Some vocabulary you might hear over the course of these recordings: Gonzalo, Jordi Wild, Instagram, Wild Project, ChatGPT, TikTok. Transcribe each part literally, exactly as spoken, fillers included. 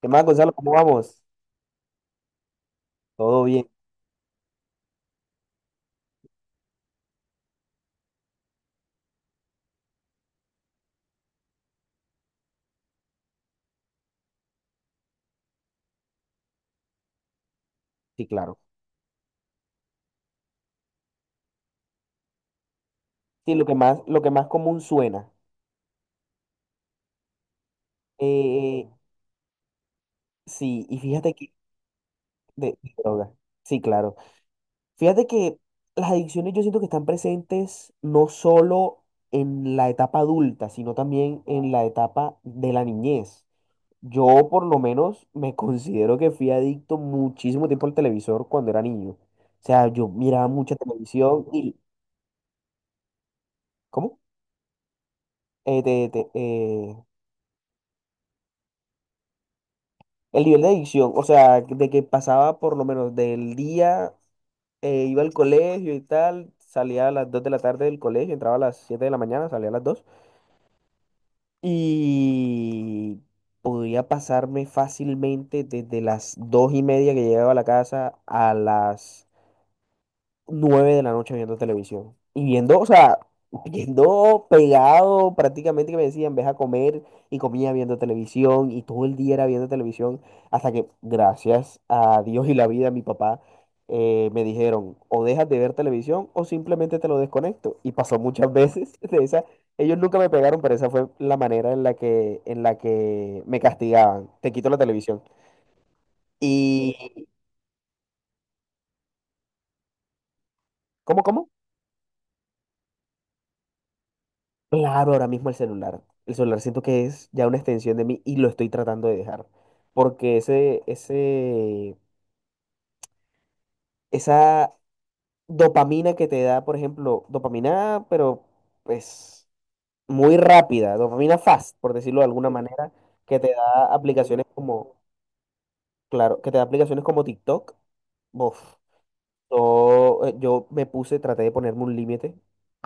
¿Qué más, Gonzalo? ¿Cómo vamos? Todo bien, sí, claro. Sí, lo que más, lo que más común suena. Eh, sí, y fíjate que... De, de droga. Sí, claro. Fíjate que las adicciones yo siento que están presentes no solo en la etapa adulta, sino también en la etapa de la niñez. Yo por lo menos me considero que fui adicto muchísimo tiempo al televisor cuando era niño. O sea, yo miraba mucha televisión y... ¿Cómo? Eh, te- te- eh, El nivel de adicción, o sea, de que pasaba por lo menos del día, eh, iba al colegio y tal, salía a las dos de la tarde del colegio, entraba a las siete de la mañana, salía a las dos y podía pasarme fácilmente desde las dos y media que llegaba a la casa a las nueve de la noche viendo televisión. Y viendo, o sea, viendo pegado prácticamente que me decían, ves a comer y comía viendo televisión y todo el día era viendo televisión hasta que, gracias a Dios y la vida, mi papá eh, me dijeron, o dejas de ver televisión o simplemente te lo desconecto. Y pasó muchas veces de esa. Ellos nunca me pegaron, pero esa fue la manera en la que, en la que me castigaban. Te quito la televisión. ¿Y cómo, cómo? Claro, ahora mismo el celular. El celular siento que es ya una extensión de mí y lo estoy tratando de dejar. Porque ese, ese, esa dopamina que te da, por ejemplo, dopamina, pero pues muy rápida, dopamina fast, por decirlo de alguna manera, que te da aplicaciones como, claro, que te da aplicaciones como TikTok. Bof. Yo, eh, yo me puse, traté de ponerme un límite.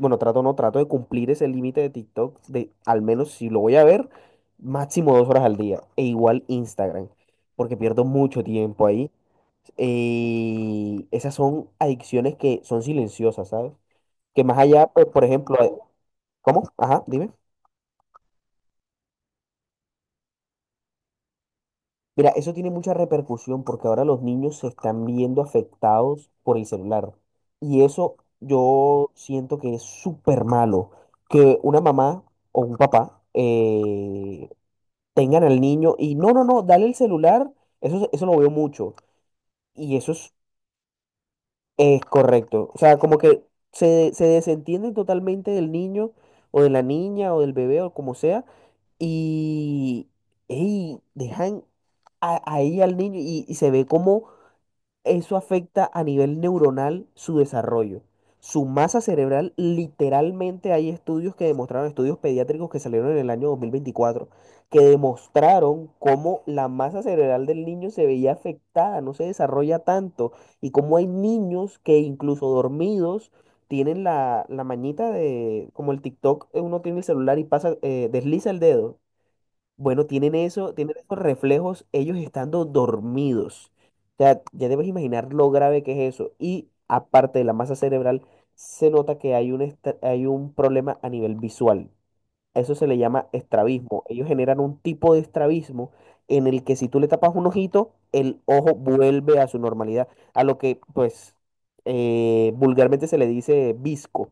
Bueno, trato no, trato de cumplir ese límite de TikTok, de al menos si lo voy a ver, máximo dos horas al día. E igual Instagram, porque pierdo mucho tiempo ahí. Eh, esas son adicciones que son silenciosas, ¿sabes? Que más allá, pues, por ejemplo, eh, ¿cómo? Ajá, dime. Mira, eso tiene mucha repercusión porque ahora los niños se están viendo afectados por el celular. Y eso yo siento que es súper malo. Que una mamá o un papá eh, tengan al niño y no, no, no, dale el celular. Eso, eso lo veo mucho. Y eso es, es correcto. O sea, como que se, se desentienden totalmente del niño o de la niña o del bebé o como sea. Y, ey, dejan a- ahí al niño y, y se ve como... Eso afecta a nivel neuronal su desarrollo. Su masa cerebral, literalmente hay estudios que demostraron, estudios pediátricos que salieron en el año dos mil veinticuatro que demostraron cómo la masa cerebral del niño se veía afectada, no se desarrolla tanto, y cómo hay niños que incluso dormidos tienen la, la mañita de, como el TikTok, eh, uno tiene el celular y pasa, eh, desliza el dedo, bueno, tienen eso, tienen esos reflejos ellos estando dormidos. O sea, ya debes imaginar lo grave que es eso. Y aparte de la masa cerebral, se nota que hay un, estra- hay un problema a nivel visual. A eso se le llama estrabismo. Ellos generan un tipo de estrabismo en el que si tú le tapas un ojito, el ojo vuelve a su normalidad, a lo que pues eh, vulgarmente se le dice visco.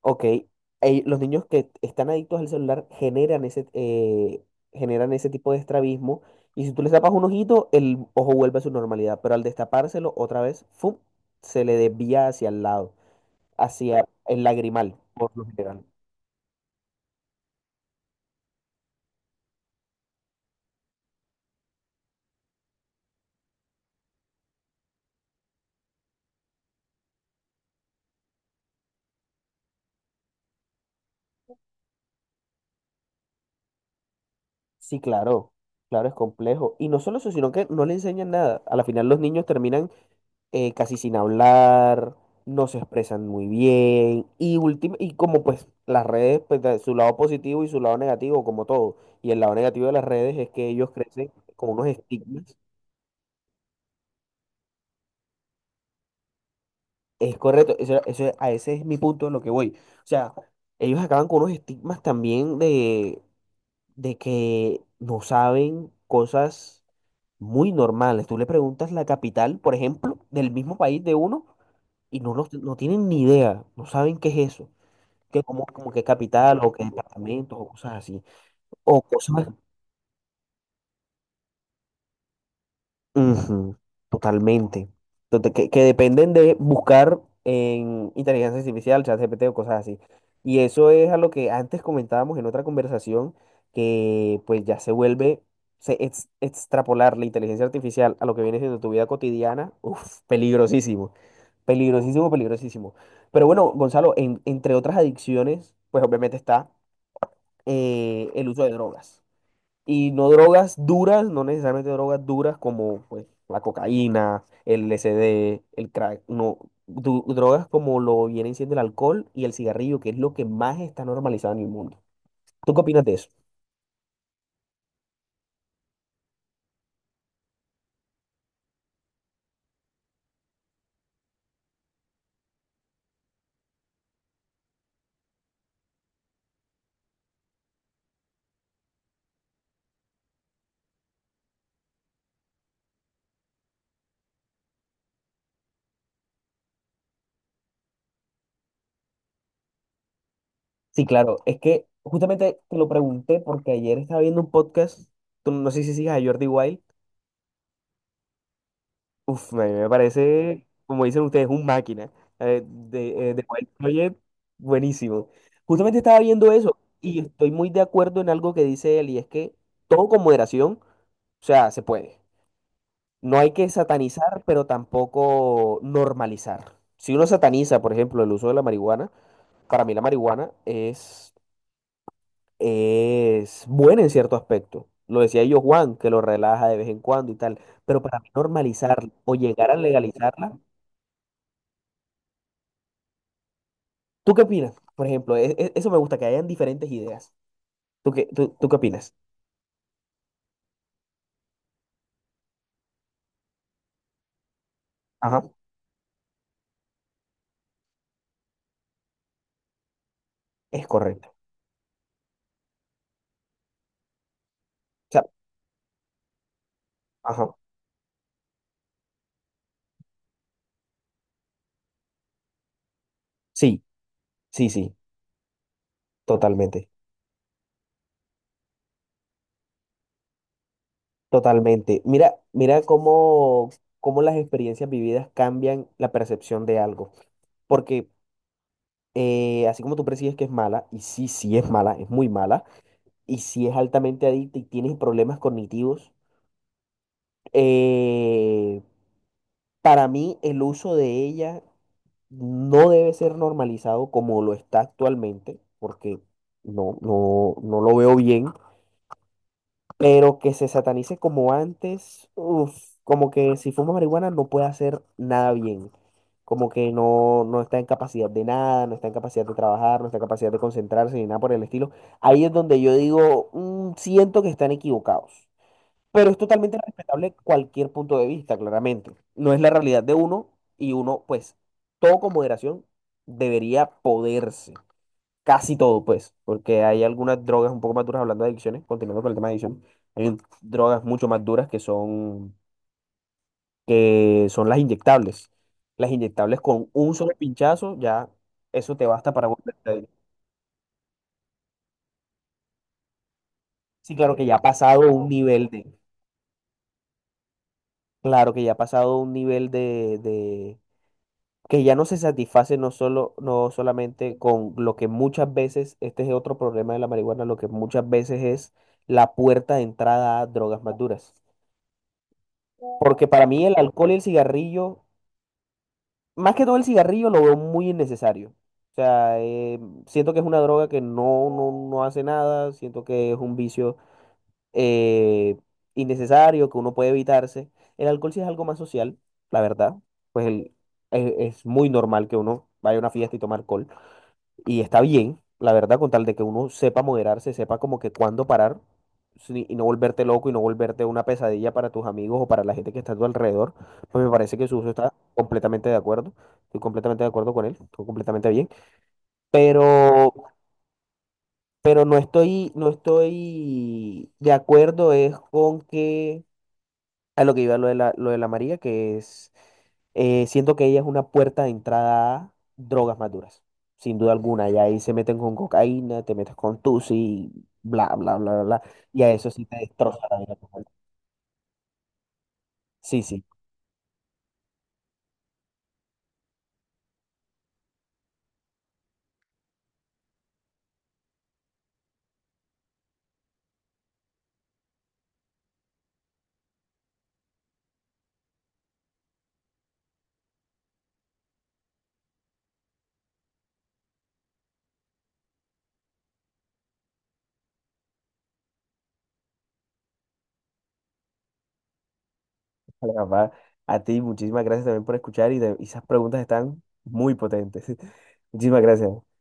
Ok, eh, los niños que están adictos al celular generan ese, eh, generan ese tipo de estrabismo y si tú les tapas un ojito, el ojo vuelve a su normalidad, pero al destapárselo otra vez, ¡fum! Se le desvía hacia el lado, hacia el lagrimal, por lo general. Sí, claro, claro, es complejo. Y no solo eso, sino que no le enseñan nada. A la final los niños terminan eh, casi sin hablar, no se expresan muy bien y, últim- y como pues las redes, pues de su lado positivo y su lado negativo, como todo. Y el lado negativo de las redes es que ellos crecen con unos estigmas. Es correcto, eso, eso- a ese es mi punto de lo que voy. O sea, ellos acaban con unos estigmas también de, de que no saben cosas muy normales. Tú le preguntas la capital, por ejemplo, del mismo país de uno y no, los- no tienen ni idea, no saben qué es eso. Que como, como que capital o que departamentos o cosas así. O cosas ujú, totalmente. Entonces, que, que dependen de buscar en inteligencia artificial, ChatGPT o cosas así. Y eso es a lo que antes comentábamos en otra conversación, que pues ya se vuelve, se ex- extrapolar la inteligencia artificial a lo que viene siendo tu vida cotidiana, uf, peligrosísimo. Peligrosísimo, peligrosísimo. Pero bueno, Gonzalo, en- entre otras adicciones, pues obviamente está eh, el uso de drogas. Y no drogas duras, no necesariamente drogas duras como pues, la cocaína, el L S D, el crack, no, du- drogas como lo vienen siendo el alcohol y el cigarrillo, que es lo que más está normalizado en el mundo. ¿Tú qué opinas de eso? Sí, claro, es que justamente te lo pregunté porque ayer estaba viendo un podcast, tú no sé si sigas a Jordi Wild. Uf, a mí me parece, como dicen ustedes, un máquina, eh, de, eh, de Wild Project, buenísimo. Justamente estaba viendo eso y estoy muy de acuerdo en algo que dice él y es que todo con moderación, o sea, se puede. No hay que satanizar, pero tampoco normalizar. Si uno sataniza, por ejemplo, el uso de la marihuana, para mí la marihuana es, es buena en cierto aspecto. Lo decía yo, Juan, que lo relaja de vez en cuando y tal, pero para mí normalizarla o llegar a legalizarla. ¿Tú qué opinas? Por ejemplo, e- e- eso me gusta, que hayan diferentes ideas. ¿Tú qué, tú, tú qué opinas? Ajá, es correcto. O sea, ajá, sí, sí, sí, totalmente, totalmente. Mira, mira cómo, cómo las experiencias vividas cambian la percepción de algo. Porque eh, así como tú percibes que es mala, y sí, sí es mala, es muy mala, y si es altamente adicta y tienes problemas cognitivos, eh, para mí el uso de ella no debe ser normalizado como lo está actualmente, porque no, no, no lo veo bien, pero que se satanice como antes, uf, como que si fuma marihuana no puede hacer nada bien, como que no, no está en capacidad de nada, no está en capacidad de trabajar, no está en capacidad de concentrarse ni nada por el estilo. Ahí es donde yo digo: "Mm, siento que están equivocados". Pero es totalmente respetable cualquier punto de vista, claramente. No es la realidad de uno y uno, pues, todo con moderación debería poderse. Casi todo, pues, porque hay algunas drogas un poco más duras, hablando de adicciones, continuando con el tema de adicción, hay un- drogas mucho más duras que son, que son las inyectables. Las inyectables con un solo pinchazo, ya eso te basta para volverte adicto. Sí, claro que ya ha pasado un nivel de, claro que ya ha pasado un nivel de, que ya no se satisface no solo, no solamente con lo que muchas veces, este es otro problema de la marihuana, lo que muchas veces es la puerta de entrada a drogas más duras. Porque para mí el alcohol y el cigarrillo, más que todo el cigarrillo, lo veo muy innecesario. O sea, eh, siento que es una droga que no, no, no hace nada, siento que es un vicio eh, innecesario, que uno puede evitarse. El alcohol sí es algo más social, la verdad. Pues el- es es muy normal que uno vaya a una fiesta y tome alcohol. Y está bien, la verdad, con tal de que uno sepa moderarse, sepa como que cuándo parar sin- y no volverte loco y no volverte una pesadilla para tus amigos o para la gente que está a tu alrededor, pues me parece que su uso está completamente de acuerdo. Estoy completamente de acuerdo con él, estoy completamente bien. Pero, pero no estoy, no estoy de acuerdo es con que a lo que iba lo de la, lo de la María, que es, eh, siento que ella es una puerta de entrada a drogas más duras, sin duda alguna. Y ahí se meten con cocaína, te metes con tusi, bla, bla, bla, bla, bla. Y a eso sí te destroza la vida por completo. Sí, sí. Vale, papá, a ti muchísimas gracias también por escuchar y, de- y esas preguntas están muy potentes. Muchísimas gracias.